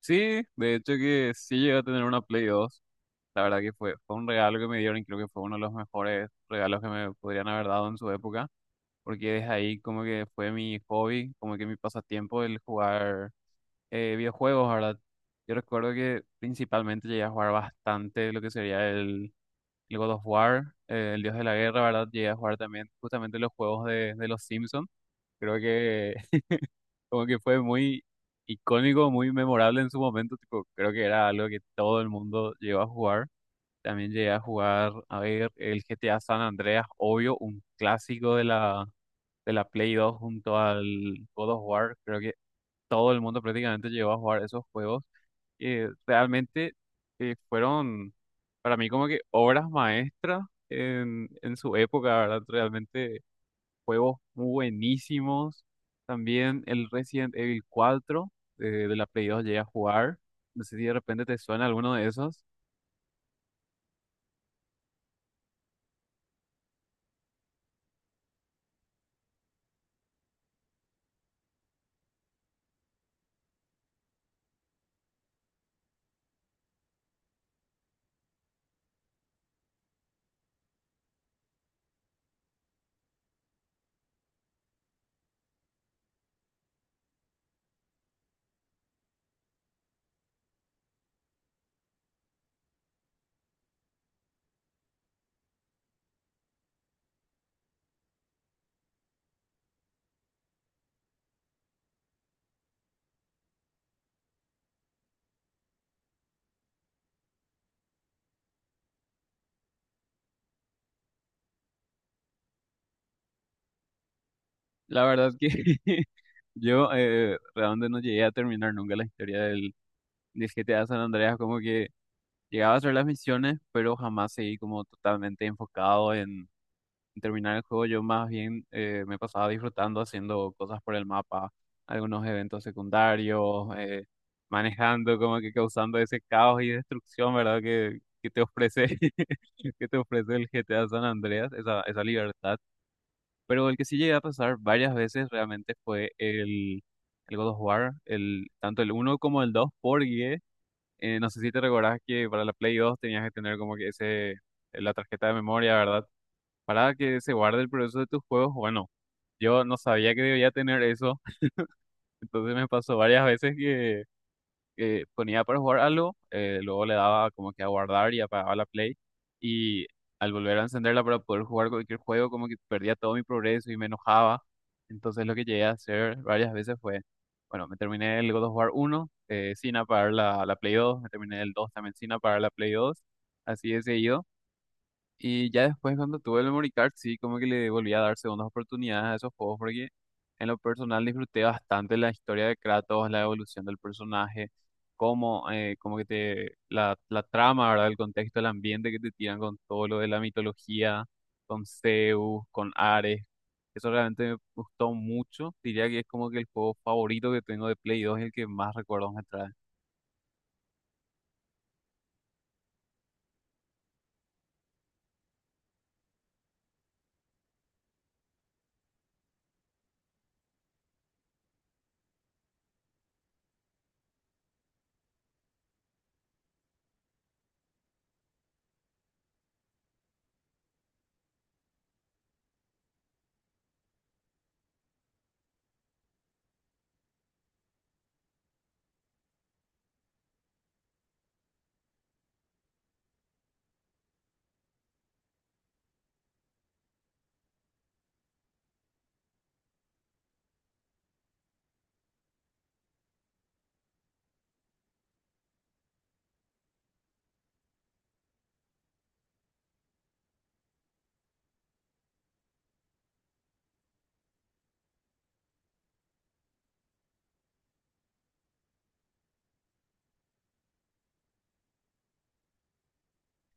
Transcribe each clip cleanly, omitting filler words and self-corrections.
Sí, de hecho que sí llegué a tener una Play dos. La verdad que fue un regalo que me dieron, y creo que fue uno de los mejores regalos que me podrían haber dado en su época, porque desde ahí como que fue mi hobby, como que mi pasatiempo el jugar videojuegos, ¿verdad? Yo recuerdo que principalmente llegué a jugar bastante lo que sería el God of War, el Dios de la Guerra, ¿verdad? Llegué a jugar también justamente los juegos de los Simpsons. Creo que como que fue muy icónico, muy memorable en su momento, tipo, creo que era algo que todo el mundo llegó a jugar. También llegué a jugar, a ver, el GTA San Andreas, obvio, un clásico de la Play 2 junto al God of War. Creo que todo el mundo prácticamente llegó a jugar esos juegos. Realmente fueron para mí como que obras maestras en su época, ¿verdad? Realmente juegos muy buenísimos. También el Resident Evil 4 de la Play 2 llegué a jugar. No sé si de repente te suena alguno de esos. La verdad que yo realmente no llegué a terminar nunca la historia del GTA San Andreas. Como que llegaba a hacer las misiones, pero jamás seguí como totalmente enfocado en terminar el juego. Yo más bien me pasaba disfrutando, haciendo cosas por el mapa, algunos eventos secundarios, manejando, como que causando ese caos y destrucción, ¿verdad? Que te ofrece, que te ofrece el GTA San Andreas, esa libertad. Pero el que sí llegué a pasar varias veces realmente fue el God of War, el, tanto el uno como el dos. Porque no sé si te recordás que para la Play 2 tenías que tener como que ese, la tarjeta de memoria, ¿verdad? Para que se guarde el progreso de tus juegos. Bueno, yo no sabía que debía tener eso, entonces me pasó varias veces que ponía para jugar algo, luego le daba como que a guardar y apagaba la play, y al volver a encenderla para poder jugar cualquier juego, como que perdía todo mi progreso y me enojaba. Entonces lo que llegué a hacer varias veces fue, bueno, me terminé el God of War uno sin apagar la Play 2, me terminé el 2 también sin apagar la Play 2, así de seguido. Y ya después cuando tuve el memory card, sí, como que le volví a dar segundas oportunidades a esos juegos, porque en lo personal disfruté bastante la historia de Kratos, la evolución del personaje, cómo, como que te, la trama, ¿verdad? El contexto, el ambiente que te tiran con todo lo de la mitología, con Zeus, con Ares. Eso realmente me gustó mucho. Diría que es como que el juego favorito que tengo de Play 2, y el que más recuerdos me trae.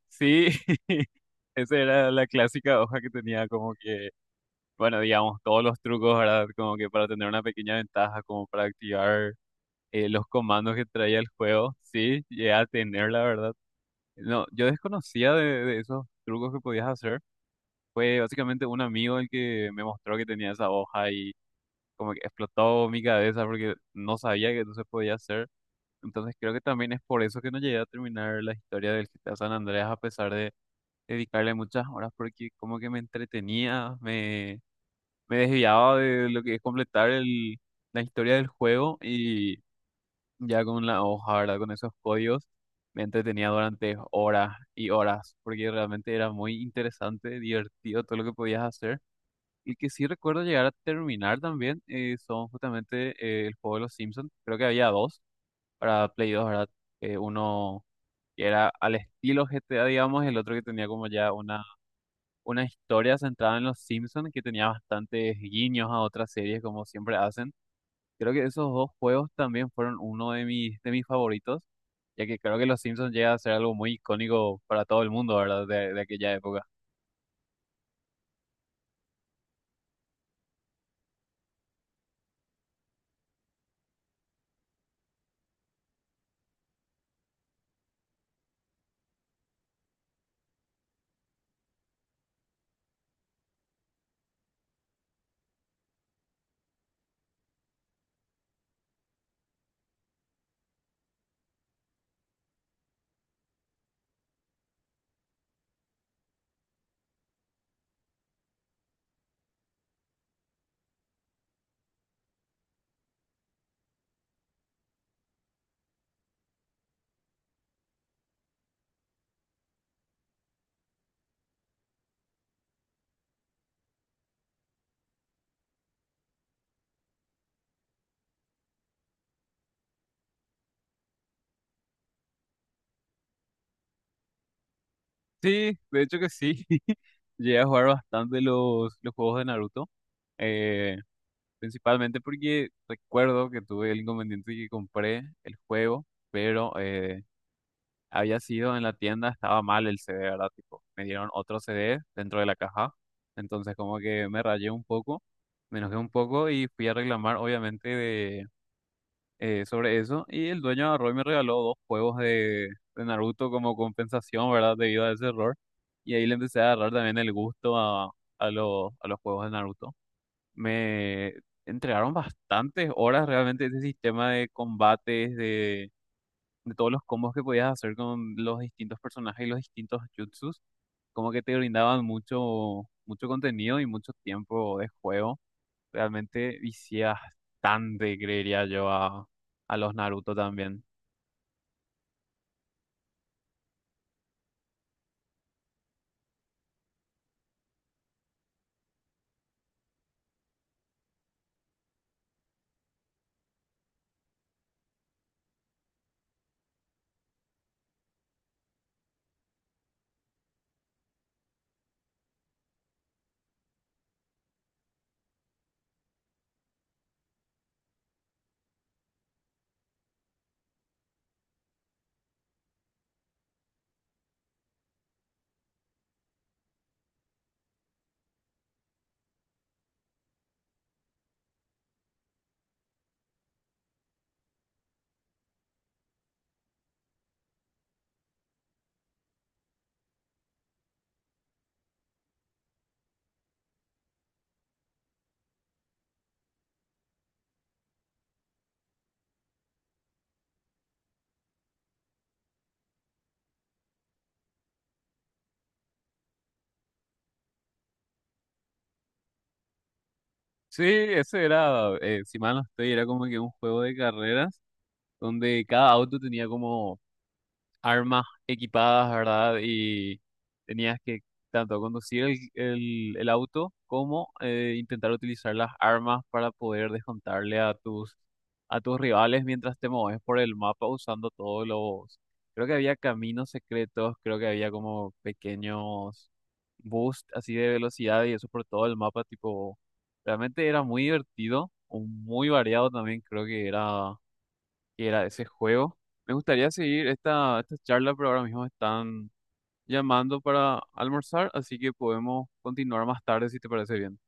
Sí, esa era la clásica hoja que tenía como que, bueno, digamos, todos los trucos, ¿verdad? Como que para tener una pequeña ventaja, como para activar los comandos que traía el juego. Sí, llegué a tener, la verdad. No, yo desconocía de esos trucos que podías hacer. Fue básicamente un amigo el que me mostró que tenía esa hoja, y como que explotó mi cabeza porque no sabía que eso se podía hacer. Entonces creo que también es por eso que no llegué a terminar la historia del GTA San Andreas, a pesar de dedicarle muchas horas, porque como que me entretenía, me desviaba de lo que es completar la historia del juego. Y ya con la hoja, ¿verdad? Con esos códigos me entretenía durante horas y horas, porque realmente era muy interesante, divertido todo lo que podías hacer. Y que sí recuerdo llegar a terminar también son justamente el juego de los Simpsons. Creo que había dos para Play dos, ¿verdad? Uno que era al estilo GTA, digamos, el otro que tenía como ya una historia centrada en los Simpsons, que tenía bastantes guiños a otras series, como siempre hacen. Creo que esos dos juegos también fueron uno de de mis favoritos, ya que creo que los Simpsons llega a ser algo muy icónico para todo el mundo, ¿verdad? De aquella época. Sí, de hecho que sí. Llegué a jugar bastante los juegos de Naruto, eh, principalmente porque recuerdo que tuve el inconveniente de que compré el juego, pero... había sido en la tienda, estaba mal el CD, ¿verdad? Tipo, me dieron otro CD dentro de la caja. Entonces como que me rayé un poco, me enojé un poco y fui a reclamar, obviamente, sobre eso. Y el dueño agarró y me regaló dos juegos de Naruto como compensación, ¿verdad? Debido a ese error. Y ahí le empecé a agarrar también el gusto a los juegos de Naruto. Me entregaron bastantes horas realmente de ese sistema de combates, de todos los combos que podías hacer con los distintos personajes y los distintos jutsus, como que te brindaban mucho, mucho contenido y mucho tiempo de juego. Realmente vicias bastante, creería yo, a los Naruto también. Sí, ese era, si mal no estoy, era como que un juego de carreras donde cada auto tenía como armas equipadas, ¿verdad? Y tenías que tanto conducir el auto como intentar utilizar las armas para poder descontarle a a tus rivales mientras te mueves por el mapa, usando todos los... Creo que había caminos secretos, creo que había como pequeños boosts así de velocidad y eso por todo el mapa, tipo, realmente era muy divertido, o muy variado también, creo que era de ese juego. Me gustaría seguir esta charla, pero ahora mismo están llamando para almorzar, así que podemos continuar más tarde si te parece bien.